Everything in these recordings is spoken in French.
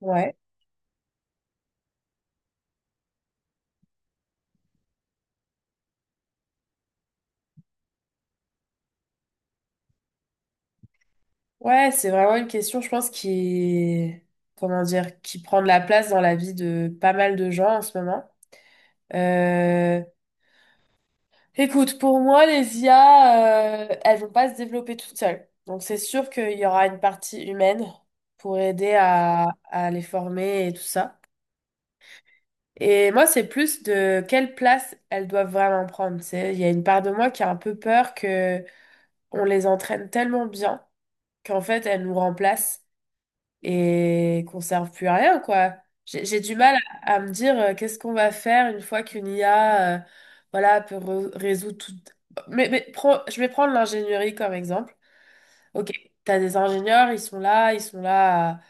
Ouais. Ouais, c'est vraiment une question, je pense, qui est, comment dire, qui prend de la place dans la vie de pas mal de gens en ce moment. Euh, Écoute, pour moi, les IA, elles vont pas se développer toutes seules. Donc, c'est sûr qu'il y aura une partie humaine pour aider à les former et tout ça. Et moi, c'est plus de quelle place elles doivent vraiment prendre. C'est, il y a une part de moi qui a un peu peur que on les entraîne tellement bien qu'en fait, elles nous remplacent et qu'on serve plus à rien, quoi. J'ai du mal à me dire qu'est-ce qu'on va faire une fois qu'une IA voilà, peut résoudre tout. Mais je vais prendre l'ingénierie comme exemple. Ok, t'as des ingénieurs, ils sont là, ils sont là,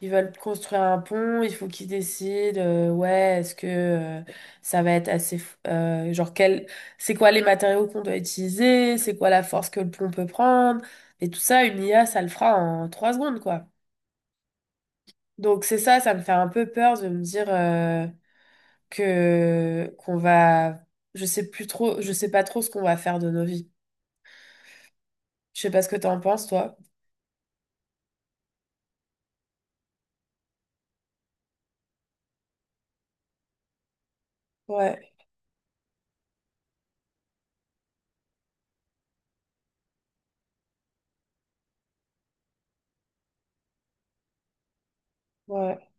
ils veulent construire un pont, il faut qu'ils décident, ouais, est-ce que ça va être assez, genre quel, c'est quoi les matériaux qu'on doit utiliser, c'est quoi la force que le pont peut prendre, et tout ça, une IA, ça le fera en 3 secondes, quoi. Donc c'est ça, ça me fait un peu peur de me dire que qu'on va, je sais plus trop, je sais pas trop ce qu'on va faire de nos vies. Je sais pas ce que t'en penses, toi. Ouais, ouais,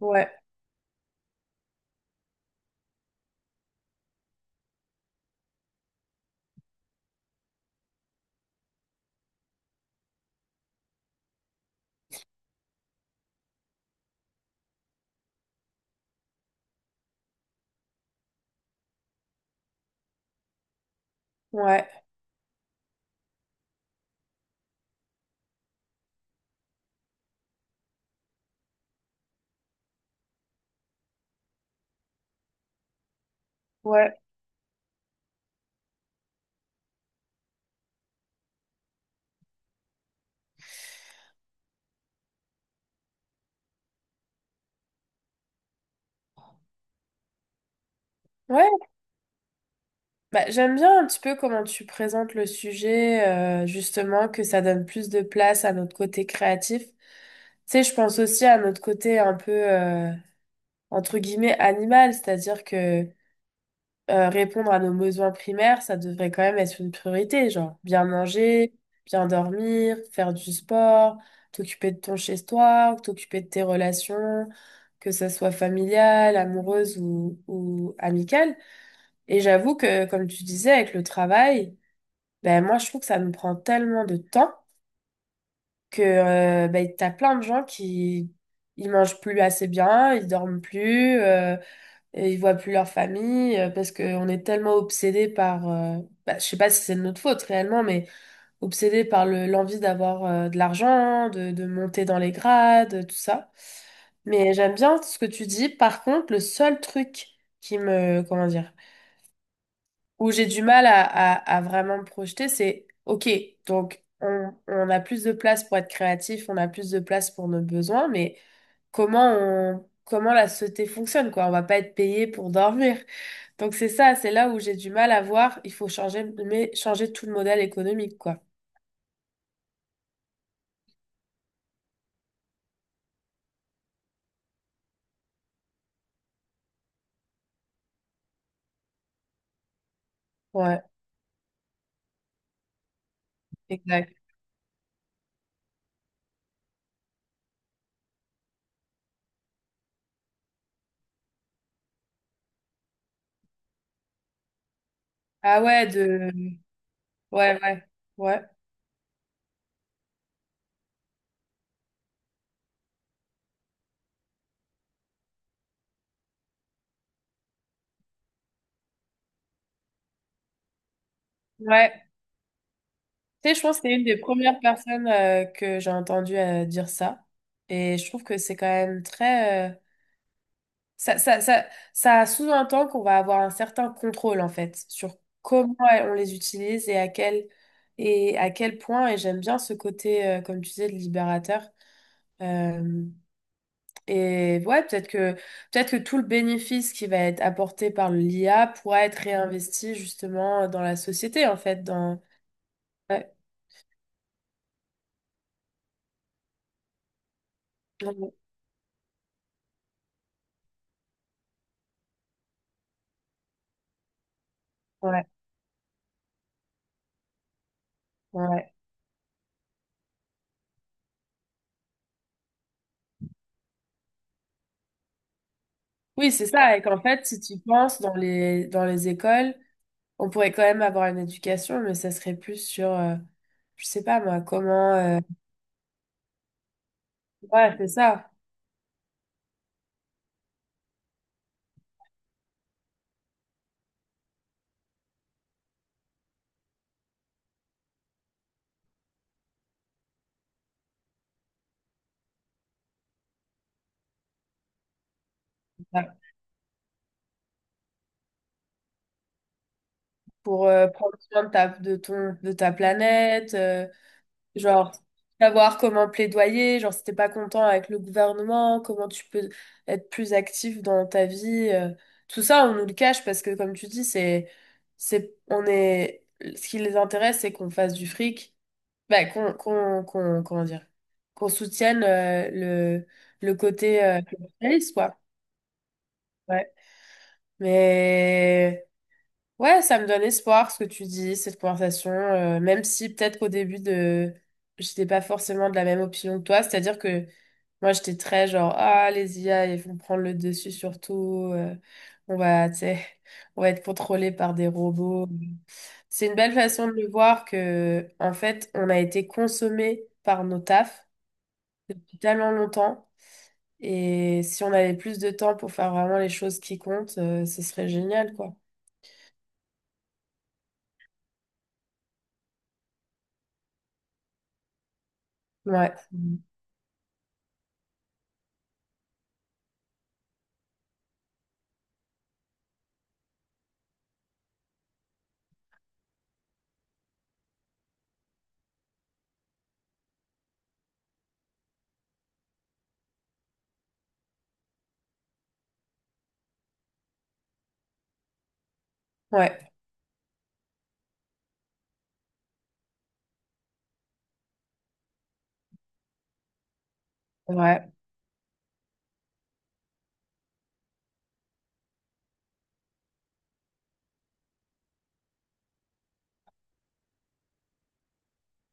ouais, ouais, ouais, ouais. Bah, j'aime bien un petit peu comment tu présentes le sujet, justement, que ça donne plus de place à notre côté créatif. Tu sais, je pense aussi à notre côté un peu, entre guillemets, animal, c'est-à-dire que répondre à nos besoins primaires, ça devrait quand même être une priorité, genre bien manger, bien dormir, faire du sport, t'occuper de ton chez-toi, t'occuper de tes relations, que ça soit familiale, amoureuse ou amicale. Et j'avoue que, comme tu disais, avec le travail, ben moi je trouve que ça nous prend tellement de temps que ben, t'as plein de gens qui ils mangent plus assez bien, ils dorment plus. Et ils voient plus leur famille parce qu'on est tellement obsédé par, bah, je sais pas si c'est de notre faute réellement, mais obsédé par le, l'envie d'avoir de l'argent, de monter dans les grades, tout ça. Mais j'aime bien ce que tu dis. Par contre, le seul truc qui me, comment dire, où j'ai du mal à vraiment me projeter, c'est, OK, donc on a plus de place pour être créatif, on a plus de place pour nos besoins, mais comment on, comment la société fonctionne, quoi? On va pas être payé pour dormir. Donc c'est ça, c'est là où j'ai du mal à voir. Il faut changer, mais changer tout le modèle économique, quoi. Ouais, exact. Ah ouais, de. Ouais, ouais, ouais, ouais. Tu sais, je pense que c'est une des premières personnes que j'ai entendu dire ça. Et je trouve que c'est quand même très. Ça, ça, ça, ça sous-entend qu'on va avoir un certain contrôle, en fait, sur comment on les utilise et à quel point. Et j'aime bien ce côté, comme tu disais, de libérateur. Euh, Et ouais, peut-être que tout le bénéfice qui va être apporté par l'IA pourra être réinvesti justement dans la société, en fait, dans ouais, non, non, ouais, ouais. Oui, c'est ça. Et qu'en fait, si tu penses dans les écoles, on pourrait quand même avoir une éducation, mais ça serait plus sur je sais pas moi, comment ouais, c'est ça. Ouais. Pour prendre soin de ta de ton de ta planète, genre, savoir comment plaidoyer, genre si t'es pas content avec le gouvernement, comment tu peux être plus actif dans ta vie. Tout ça, on nous le cache parce que, comme tu dis, c'est, on est, ce qui les intéresse, c'est qu'on fasse du fric, bah, comment dire, qu'on soutienne le côté capitaliste, quoi. Ouais. Mais ouais, ça me donne espoir ce que tu dis, cette conversation, même si peut-être qu'au début de j'étais pas forcément de la même opinion que toi, c'est-à-dire que moi j'étais très genre ah les IA ils vont prendre le dessus surtout on va tu sais on va être contrôlé par des robots. C'est une belle façon de le voir que en fait, on a été consommé par nos tafs depuis tellement longtemps et si on avait plus de temps pour faire vraiment les choses qui comptent, ce serait génial quoi. Ouais. Ouais.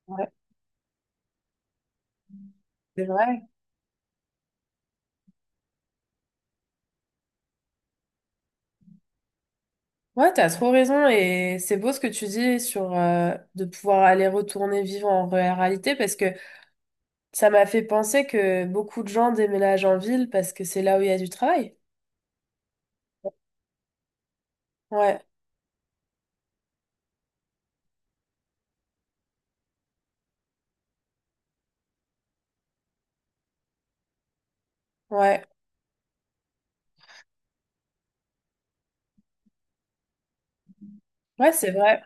Ouais. C'est vrai. Ouais, t'as trop raison et c'est beau ce que tu dis sur de pouvoir aller retourner vivre en réalité parce que ça m'a fait penser que beaucoup de gens déménagent en ville parce que c'est là où il y a du travail. Ouais, ouais, ouais, c'est vrai.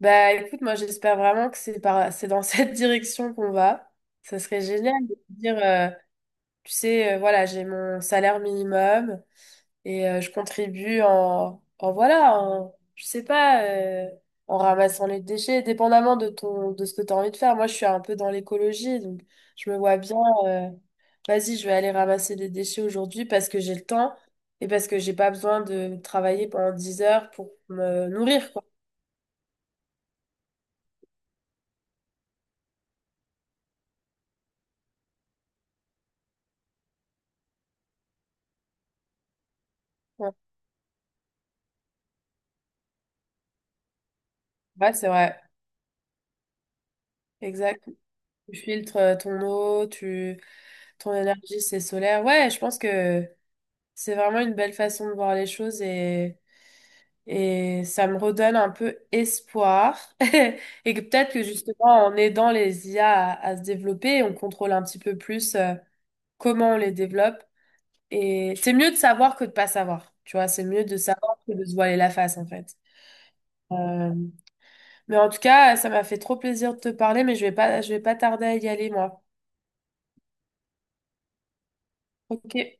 Bah écoute, moi j'espère vraiment que c'est dans cette direction qu'on va. Ça serait génial de se dire, tu sais, voilà, j'ai mon salaire minimum. Et je contribue en, en voilà, en, je sais pas, en ramassant les déchets, dépendamment de ton, de ce que tu as envie de faire. Moi, je suis un peu dans l'écologie, donc je me vois bien, euh, vas-y, je vais aller ramasser des déchets aujourd'hui parce que j'ai le temps et parce que j'ai pas besoin de travailler pendant 10 heures pour me nourrir, quoi. Ouais, ouais, c'est vrai, exact. Tu filtres ton eau, ton énergie, c'est solaire. Ouais, je pense que c'est vraiment une belle façon de voir les choses et ça me redonne un peu espoir. Et que peut-être que justement, en aidant les IA à se développer, on contrôle un petit peu plus comment on les développe. Et c'est mieux de savoir que de pas savoir. Tu vois, c'est mieux de savoir que de se voiler la face, en fait. Euh, mais en tout cas, ça m'a fait trop plaisir de te parler, mais je vais pas tarder à y aller, moi. Ok.